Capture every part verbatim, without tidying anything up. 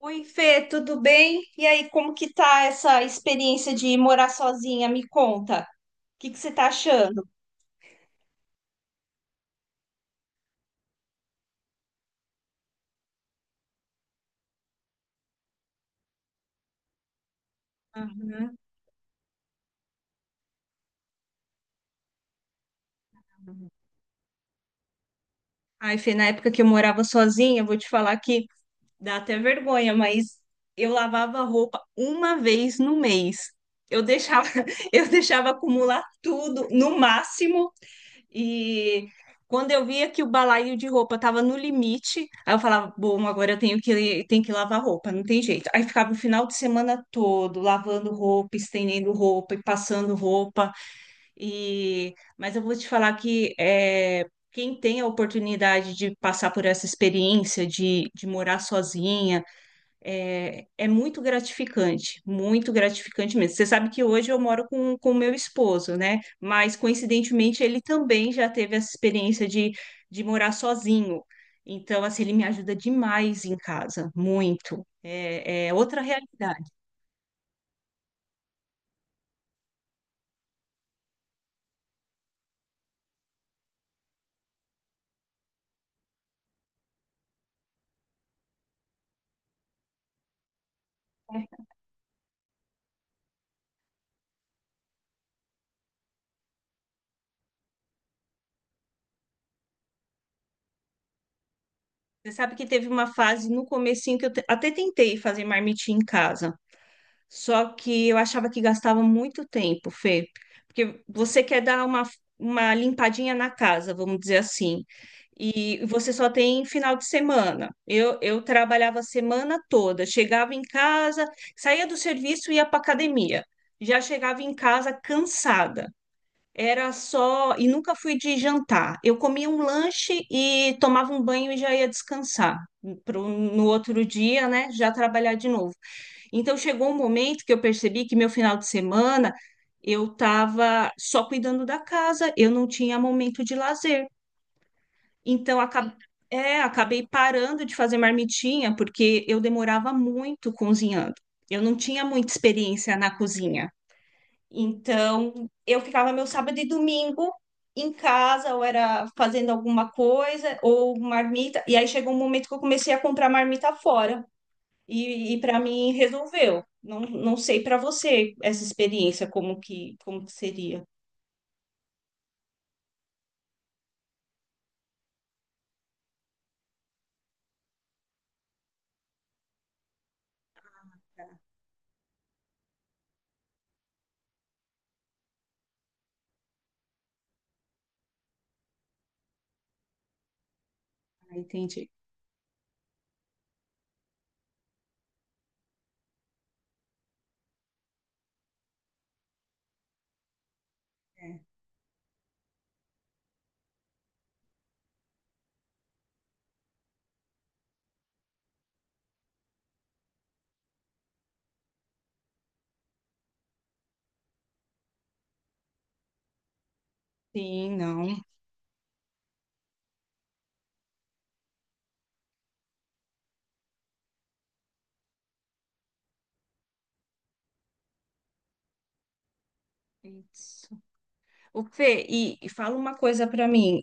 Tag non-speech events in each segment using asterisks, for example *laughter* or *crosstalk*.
Oi, Fê, tudo bem? E aí, como que tá essa experiência de morar sozinha? Me conta. O que que você tá achando? Uhum. Ai, Fê, na época que eu morava sozinha, eu vou te falar que dá até vergonha, mas eu lavava roupa uma vez no mês. Eu deixava, *laughs* eu deixava acumular tudo, no máximo. E quando eu via que o balaio de roupa tava no limite, aí eu falava: bom, agora eu tenho que, tenho que lavar roupa, não tem jeito. Aí ficava o final de semana todo lavando roupa, estendendo roupa e passando roupa. E... Mas eu vou te falar que é, quem tem a oportunidade de passar por essa experiência de, de morar sozinha, é, é muito gratificante, muito gratificante mesmo. Você sabe que hoje eu moro com com o meu esposo, né? Mas coincidentemente ele também já teve essa experiência de, de morar sozinho. Então, assim, ele me ajuda demais em casa, muito. É, é outra realidade. Você sabe que teve uma fase no comecinho que eu te- até tentei fazer marmitinha em casa. Só que eu achava que gastava muito tempo, Fê, porque você quer dar uma, uma limpadinha na casa, vamos dizer assim, e você só tem final de semana. Eu, eu trabalhava a semana toda, chegava em casa, saía do serviço e ia para academia. Já chegava em casa cansada. Era só, e nunca fui de jantar. Eu comia um lanche e tomava um banho e já ia descansar. Pro, no outro dia, né, já trabalhar de novo. Então chegou um momento que eu percebi que, meu final de semana, eu estava só cuidando da casa, eu não tinha momento de lazer. Então acab- é, Acabei parando de fazer marmitinha porque eu demorava muito cozinhando. Eu não tinha muita experiência na cozinha. Então eu ficava meu sábado e domingo em casa, ou era fazendo alguma coisa, ou marmita. E aí chegou um momento que eu comecei a comprar marmita fora. E, e para mim resolveu. Não, não sei para você essa experiência como que como que seria. Ah, entendi. É. Sim, não. Isso. O Fê, e, e fala uma coisa para mim.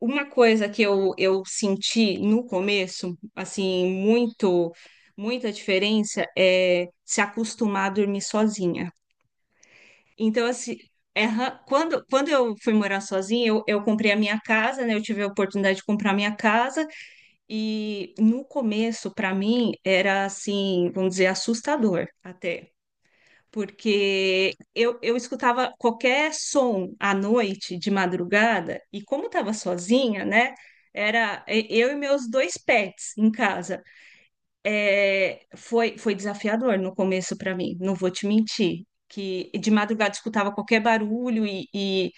Uma coisa que eu, eu senti no começo, assim, muito, muita diferença, é se acostumar a dormir sozinha. Então, assim, é ra- quando, quando eu fui morar sozinha, eu, eu comprei a minha casa, né? Eu tive a oportunidade de comprar a minha casa. E no começo, para mim, era assim, vamos dizer, assustador até, porque eu, eu escutava qualquer som à noite, de madrugada, e como estava sozinha, né? Era e- eu e meus dois pets em casa. É, foi, foi desafiador no começo para mim, não vou te mentir. Que de madrugada escutava qualquer barulho e, e-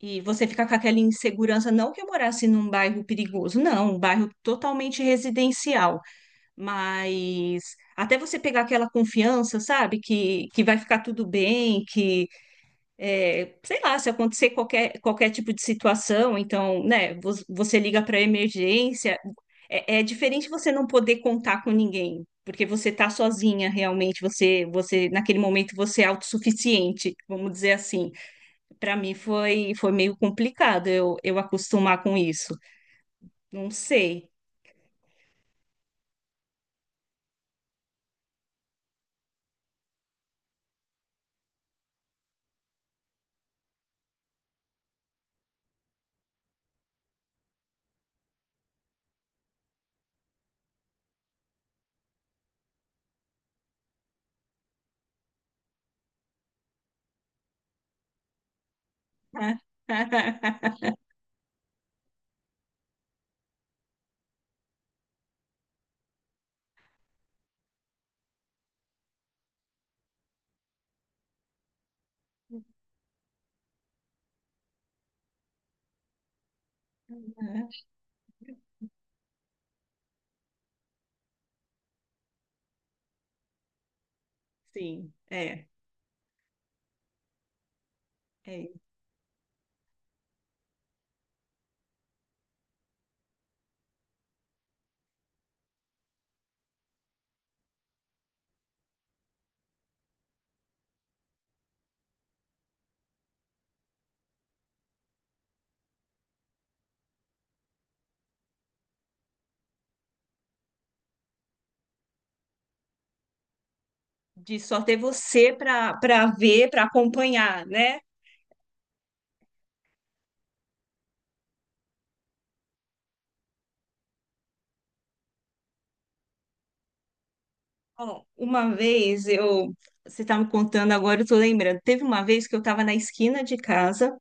e você fica com aquela insegurança. Não que eu morasse num bairro perigoso, não, um bairro totalmente residencial. Mas até você pegar aquela confiança, sabe? Que, que vai ficar tudo bem, que, é, sei lá, se acontecer qualquer, qualquer tipo de situação, então, né, vo- você liga para emergência. É, é diferente você não poder contar com ninguém, porque você tá sozinha realmente. você, você, naquele momento, você é autossuficiente, vamos dizer assim. Para mim foi, foi meio complicado eu, eu acostumar com isso. Não sei. *laughs* Sim, é, é. De só ter você para para ver, para acompanhar, né? Ó, uma vez eu, você estava me contando agora, eu tô lembrando. Teve uma vez que eu estava na esquina de casa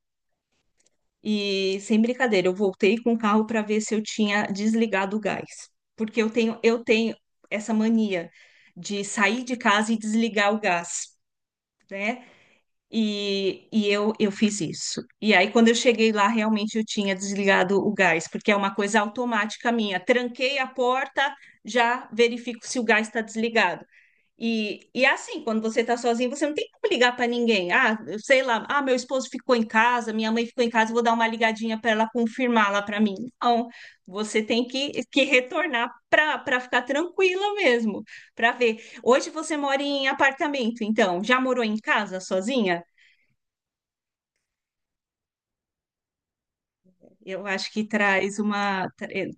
e, sem brincadeira, eu voltei com o carro para ver se eu tinha desligado o gás, porque eu tenho eu tenho essa mania de sair de casa e desligar o gás, né? E, e eu, eu fiz isso. E aí, quando eu cheguei lá, realmente eu tinha desligado o gás, porque é uma coisa automática minha. Tranquei a porta, já verifico se o gás está desligado. E, e é assim, quando você está sozinho, você não tem como ligar para ninguém. Ah, eu sei lá, ah, meu esposo ficou em casa, minha mãe ficou em casa, vou dar uma ligadinha para ela confirmar lá para mim. Não, você tem que, que retornar para para ficar tranquila mesmo, para ver. Hoje você mora em apartamento, então, já morou em casa sozinha? Eu acho que traz uma,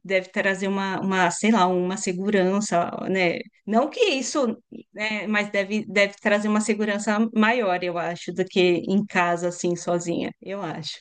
deve trazer uma, uma, sei lá, uma segurança, né? Não que isso, né, mas deve, deve trazer uma segurança maior, eu acho, do que em casa, assim, sozinha, eu acho.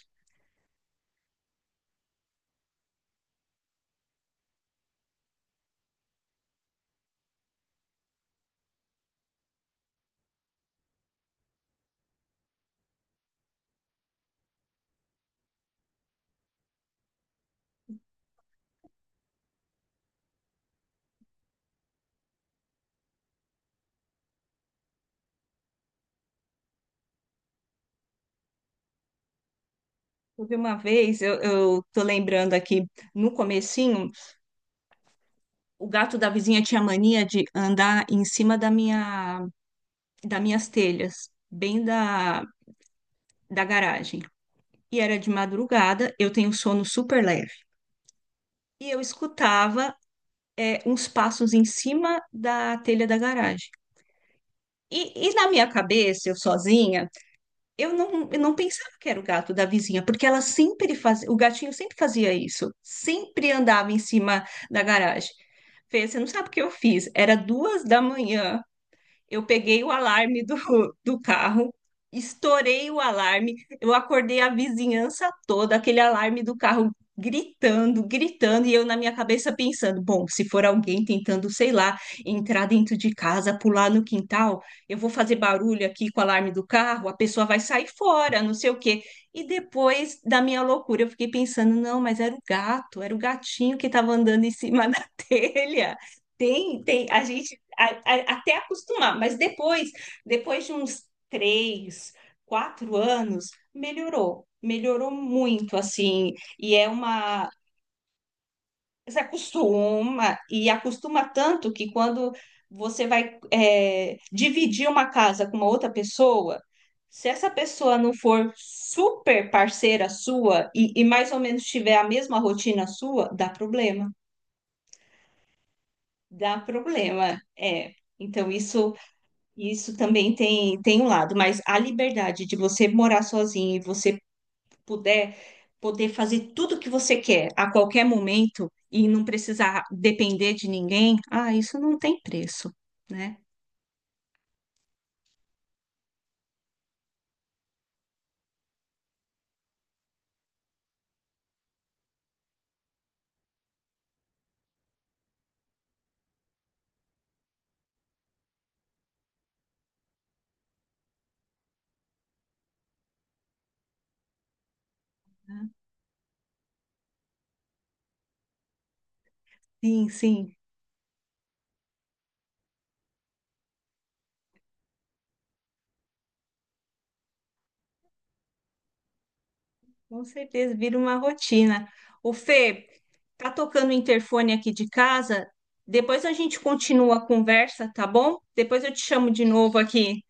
Houve uma vez, eu, eu tô lembrando aqui, no comecinho, o gato da vizinha tinha mania de andar em cima da minha, das minhas telhas, bem da, da garagem. E era de madrugada, eu tenho sono super leve. E eu escutava é, uns passos em cima da telha da garagem. E, e na minha cabeça, eu sozinha, eu não, eu não pensava que era o gato da vizinha, porque ela sempre fazia, o gatinho sempre fazia isso, sempre andava em cima da garagem. Fê, você não sabe o que eu fiz? Era duas da manhã, eu peguei o alarme do, *laughs* do carro, estourei o alarme, eu acordei a vizinhança toda, aquele alarme do carro gritando, gritando, e eu na minha cabeça pensando: bom, se for alguém tentando, sei lá, entrar dentro de casa, pular no quintal, eu vou fazer barulho aqui com o alarme do carro, a pessoa vai sair fora, não sei o quê. E depois da minha loucura, eu fiquei pensando: não, mas era o gato, era o gatinho que estava andando em cima *laughs* da telha. Tem, tem, a gente a- a- até acostumar, mas depois, depois de uns três, quatro anos, melhorou, melhorou muito, assim, e é uma, você acostuma, e acostuma tanto que, quando você vai é, dividir uma casa com uma outra pessoa, se essa pessoa não for super parceira sua e, e mais ou menos tiver a mesma rotina sua, dá problema, dá problema, é. Então, isso Isso também tem, tem um lado, mas a liberdade de você morar sozinho e você puder poder fazer tudo o que você quer a qualquer momento e não precisar depender de ninguém, ah, isso não tem preço, né? Sim, sim, com certeza, vira uma rotina. O Fê, tá tocando o interfone aqui de casa, depois a gente continua a conversa, tá bom? Depois eu te chamo de novo aqui.